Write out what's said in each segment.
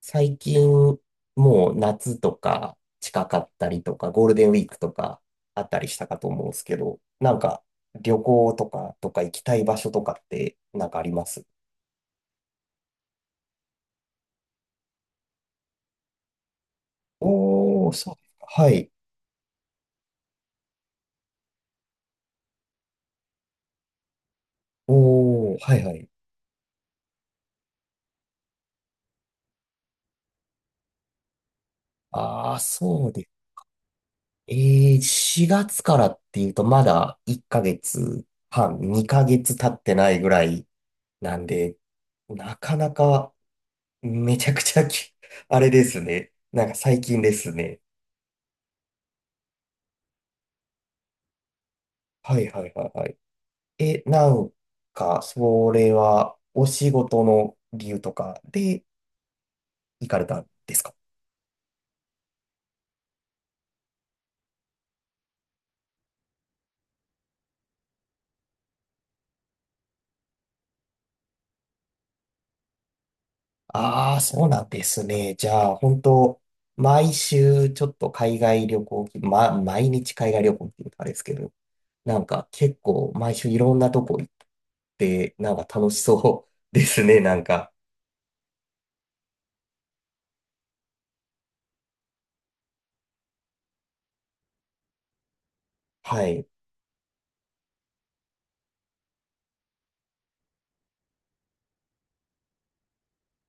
最近、もう夏とか近かったりとか、ゴールデンウィークとかあったりしたかと思うんですけど、なんか旅行とか行きたい場所とかってなんかあります？おー、そうですか。はい。おー、はいはい。あー、そうです。え4月からっていうとまだ1ヶ月半、2ヶ月経ってないぐらいなんで、なかなかめちゃくちゃき、あれですね。なんか最近ですね。はいはいはいはい。え、なんか、それは、お仕事の理由とかで行かれたんですか？ああー、そうなんですね。じゃあ、本当毎週ちょっと海外旅行気、ま、毎日海外旅行っていうとあれですけど、なんか結構毎週いろんなとこ行って、なんか楽しそうですね、なんか。はい。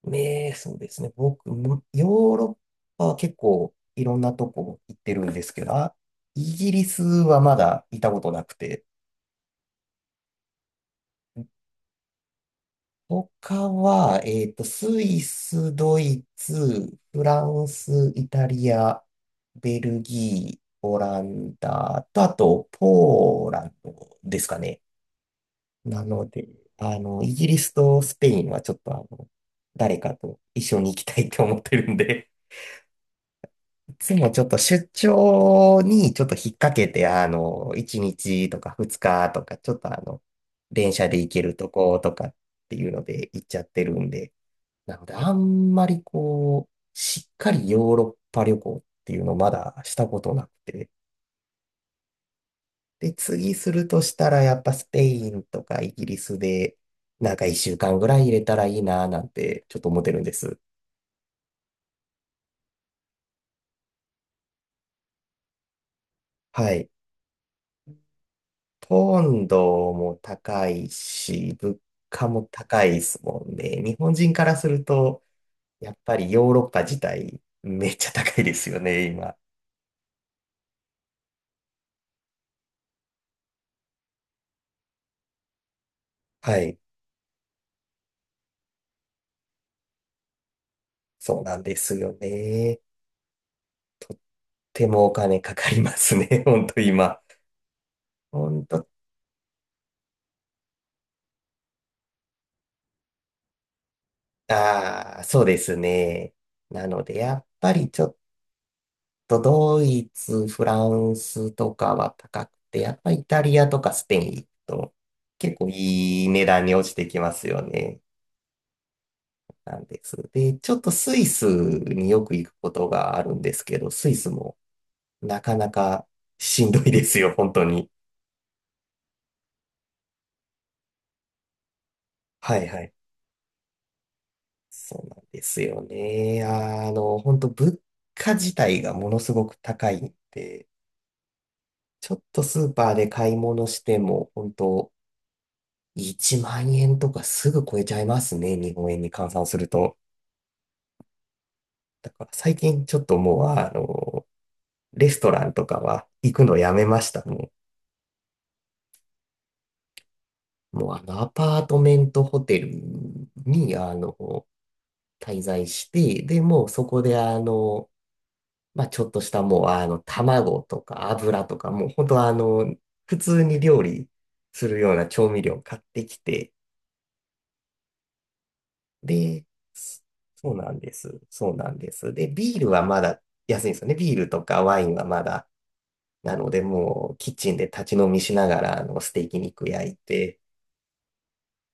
ねえ、そうですね。僕も、ヨーロッパは結構いろんなとこ行ってるんですけど、あ、イギリスはまだ行ったことなくて、他は、スイス、ドイツ、フランス、イタリア、ベルギー、オランダと、あと、ポーランドですかね。なので、あの、イギリスとスペインはちょっとあの、誰かと一緒に行きたいと思ってるんでつもちょっと出張にちょっと引っ掛けて、あの、1日とか2日とか、ちょっとあの、電車で行けるとことかっていうので行っちゃってるんで、なのであんまりこう、しっかりヨーロッパ旅行っていうのまだしたことなくて、で、次するとしたらやっぱスペインとかイギリスで、なんか1週間ぐらい入れたらいいななんてちょっと思ってるんです。はい。ポンドも高いし、物価も高いですもんね。日本人からすると、やっぱりヨーロッパ自体めっちゃ高いですよね、今。はい。そうなんですよね。手もお金かかりますね、ほんと今。ほんと、ああ、そうですね。なので、やっぱりちょっとドイツ、フランスとかは高くて、やっぱりイタリアとかスペイン行くと結構いい値段に落ちてきますよね。なんです。で、ちょっとスイスによく行くことがあるんですけど、スイスもなかなかしんどいですよ、本当に。はいはい。そうなんですよね。あの、本当物価自体がものすごく高いんで、ちょっとスーパーで買い物しても、本当1万円とかすぐ超えちゃいますね、日本円に換算すると。だから最近ちょっともう、あの、レストランとかは行くのやめました。もうあの、アパートメントホテルに、あの、滞在して、で、もうそこで、あの、まあ、ちょっとしたもう、あの、卵とか油とか、もう本当あの、普通に料理するような調味料買ってきて、で、そそうなんです。そうなんです。で、ビールはまだ安いんですよね。ビールとかワインはまだ。なので、もう、キッチンで立ち飲みしながら、あの、ステーキ肉焼いて、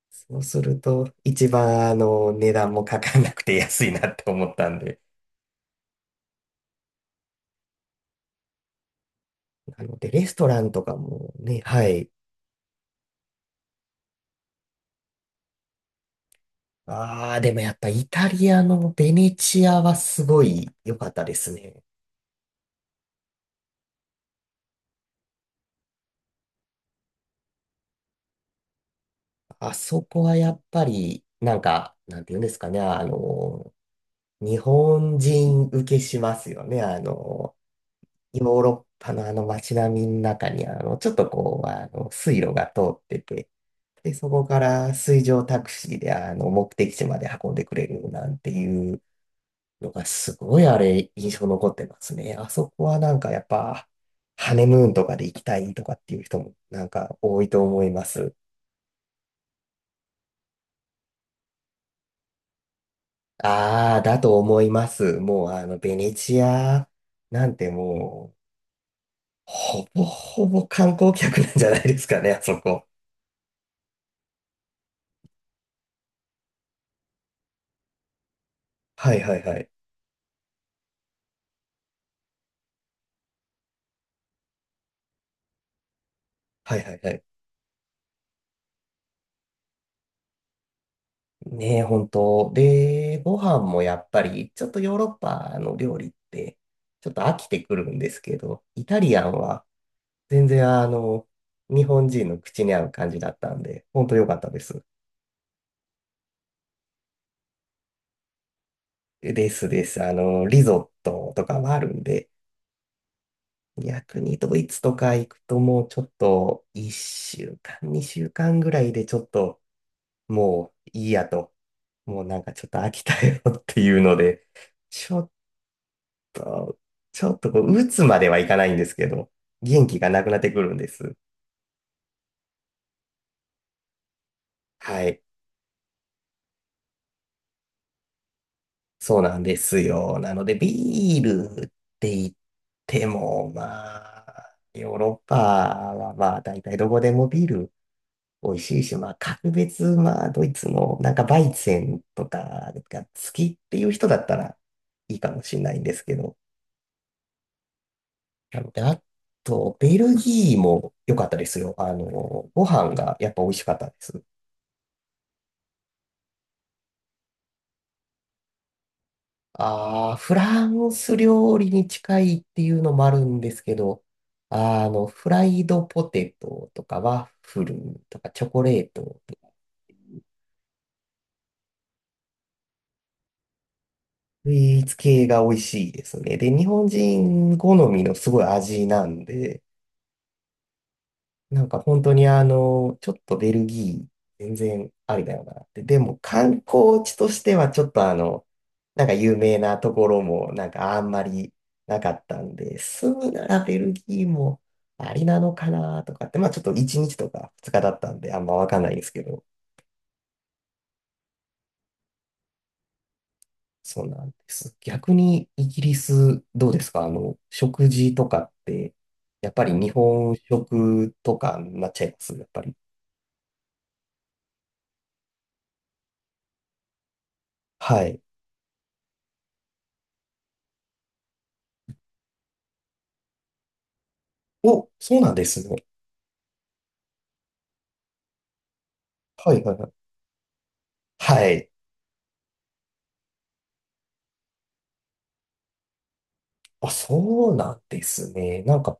そうすると、市場の値段もかかんなくて安いなって思ったんで。なので、レストランとかもね、はい。ああ、でもやっぱイタリアのベネチアはすごい良かったですね。あそこはやっぱり、なんか、なんて言うんですかね、あの、日本人受けしますよね。あの、ヨーロッパのあの街並みの中に、あの、ちょっとこう、あの、水路が通ってて、で、そこから水上タクシーであの目的地まで運んでくれるなんていうのがすごいあれ印象残ってますね。あそこはなんかやっぱハネムーンとかで行きたいとかっていう人もなんか多いと思います。ああ、だと思います。もうあのベネチアなんてもうほぼほぼ観光客なんじゃないですかね、あそこ。はいはいはい。はいはいはい。ねえ、本当。で、ご飯もやっぱり、ちょっとヨーロッパの料理って、ちょっと飽きてくるんですけど、イタリアンは全然あの、日本人の口に合う感じだったんで、本当良かったです。ですです。あの、リゾットとかもあるんで、逆にドイツとか行くともうちょっと、1週間、2週間ぐらいでちょっと、もういいやと、もうなんかちょっと飽きたよっていうので、ちょっと、ちょっとこう、打つまではいかないんですけど、元気がなくなってくるんです。はい。そうなんですよ。なので、ビールって言っても、まあ、ヨーロッパはまあ、大体どこでもビール美味しいし、まあ、格別、まあ、ドイツのなんかバイツェンとかが好きっていう人だったらいいかもしれないんですけど。なので、あと、ベルギーも良かったですよ。あの、ご飯がやっぱ美味しかったです。ああ、フランス料理に近いっていうのもあるんですけど、あの、フライドポテトとかワッフルとかチョコレート、スイーツ系が美味しいですね。で、日本人好みのすごい味なんで、なんか本当にあの、ちょっとベルギー、全然ありだよなって。でも観光地としてはちょっとあの、なんか有名なところもなんかあんまりなかったんで、住むならベルギーもありなのかなとかって、まあちょっと1日とか2日だったんであんまわかんないんですけど、そうなんです。逆にイギリスどうですかあの、食事とかって、やっぱり日本食とかになっちゃいますやっぱり。はい。お、そうなんですね。はいはいはいはい。あ、そうなんですね。なんか、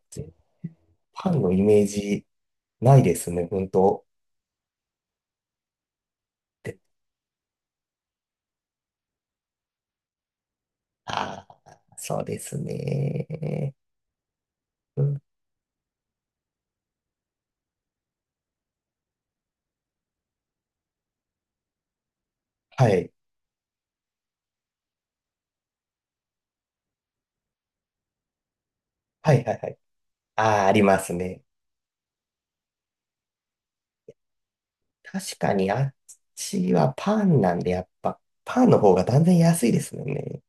パンのイメージないですね、本当。で、ああ、そうですね。うん、はい。はいはいはい。ああ、ありますね。確かに、あっちはパンなんで、やっぱ、パンの方が断然安いですよね。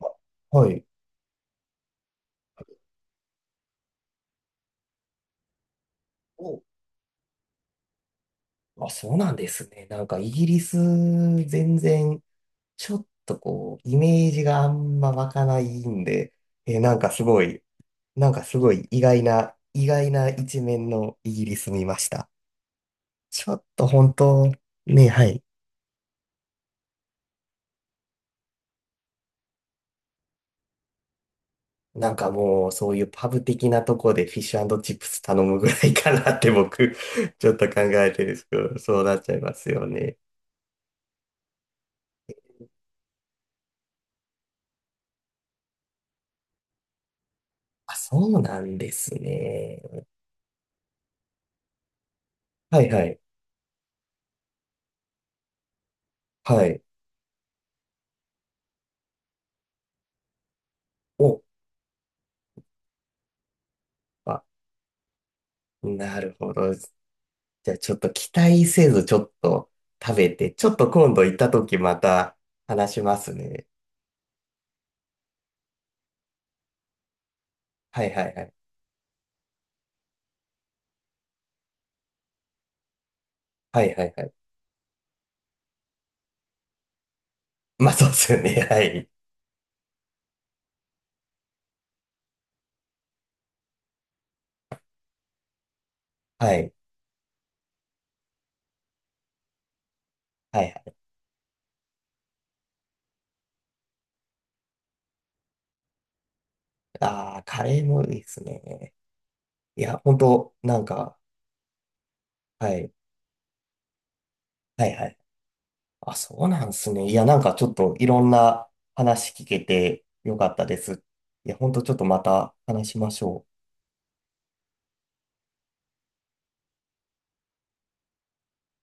あはい。お、あ、そうなんですね。なんか、イギリス、全然、ちょっとこう、イメージがあんま湧かないんで、なんかすごい、意外な、一面のイギリス見ました。ちょっと本当、ね、はい。なんかもうそういうパブ的なとこでフィッシュチップス頼むぐらいかなって僕、ちょっと考えてるんですけど、そうなっちゃいますよね。あ、そうなんですね。はいはい。はい。お、あ、なるほど。じゃあちょっと期待せずちょっと食べて、ちょっと今度行った時また話しますね。はいはいはい。はいはいはい。まあそうですよね。はい。はい。はい。ああ、カレーもいいですね。いや、本当なんか、はい。はいはい。あ、そうなんですね。いや、なんかちょっといろんな話聞けてよかったです。いや、本当ちょっとまた話しましょう。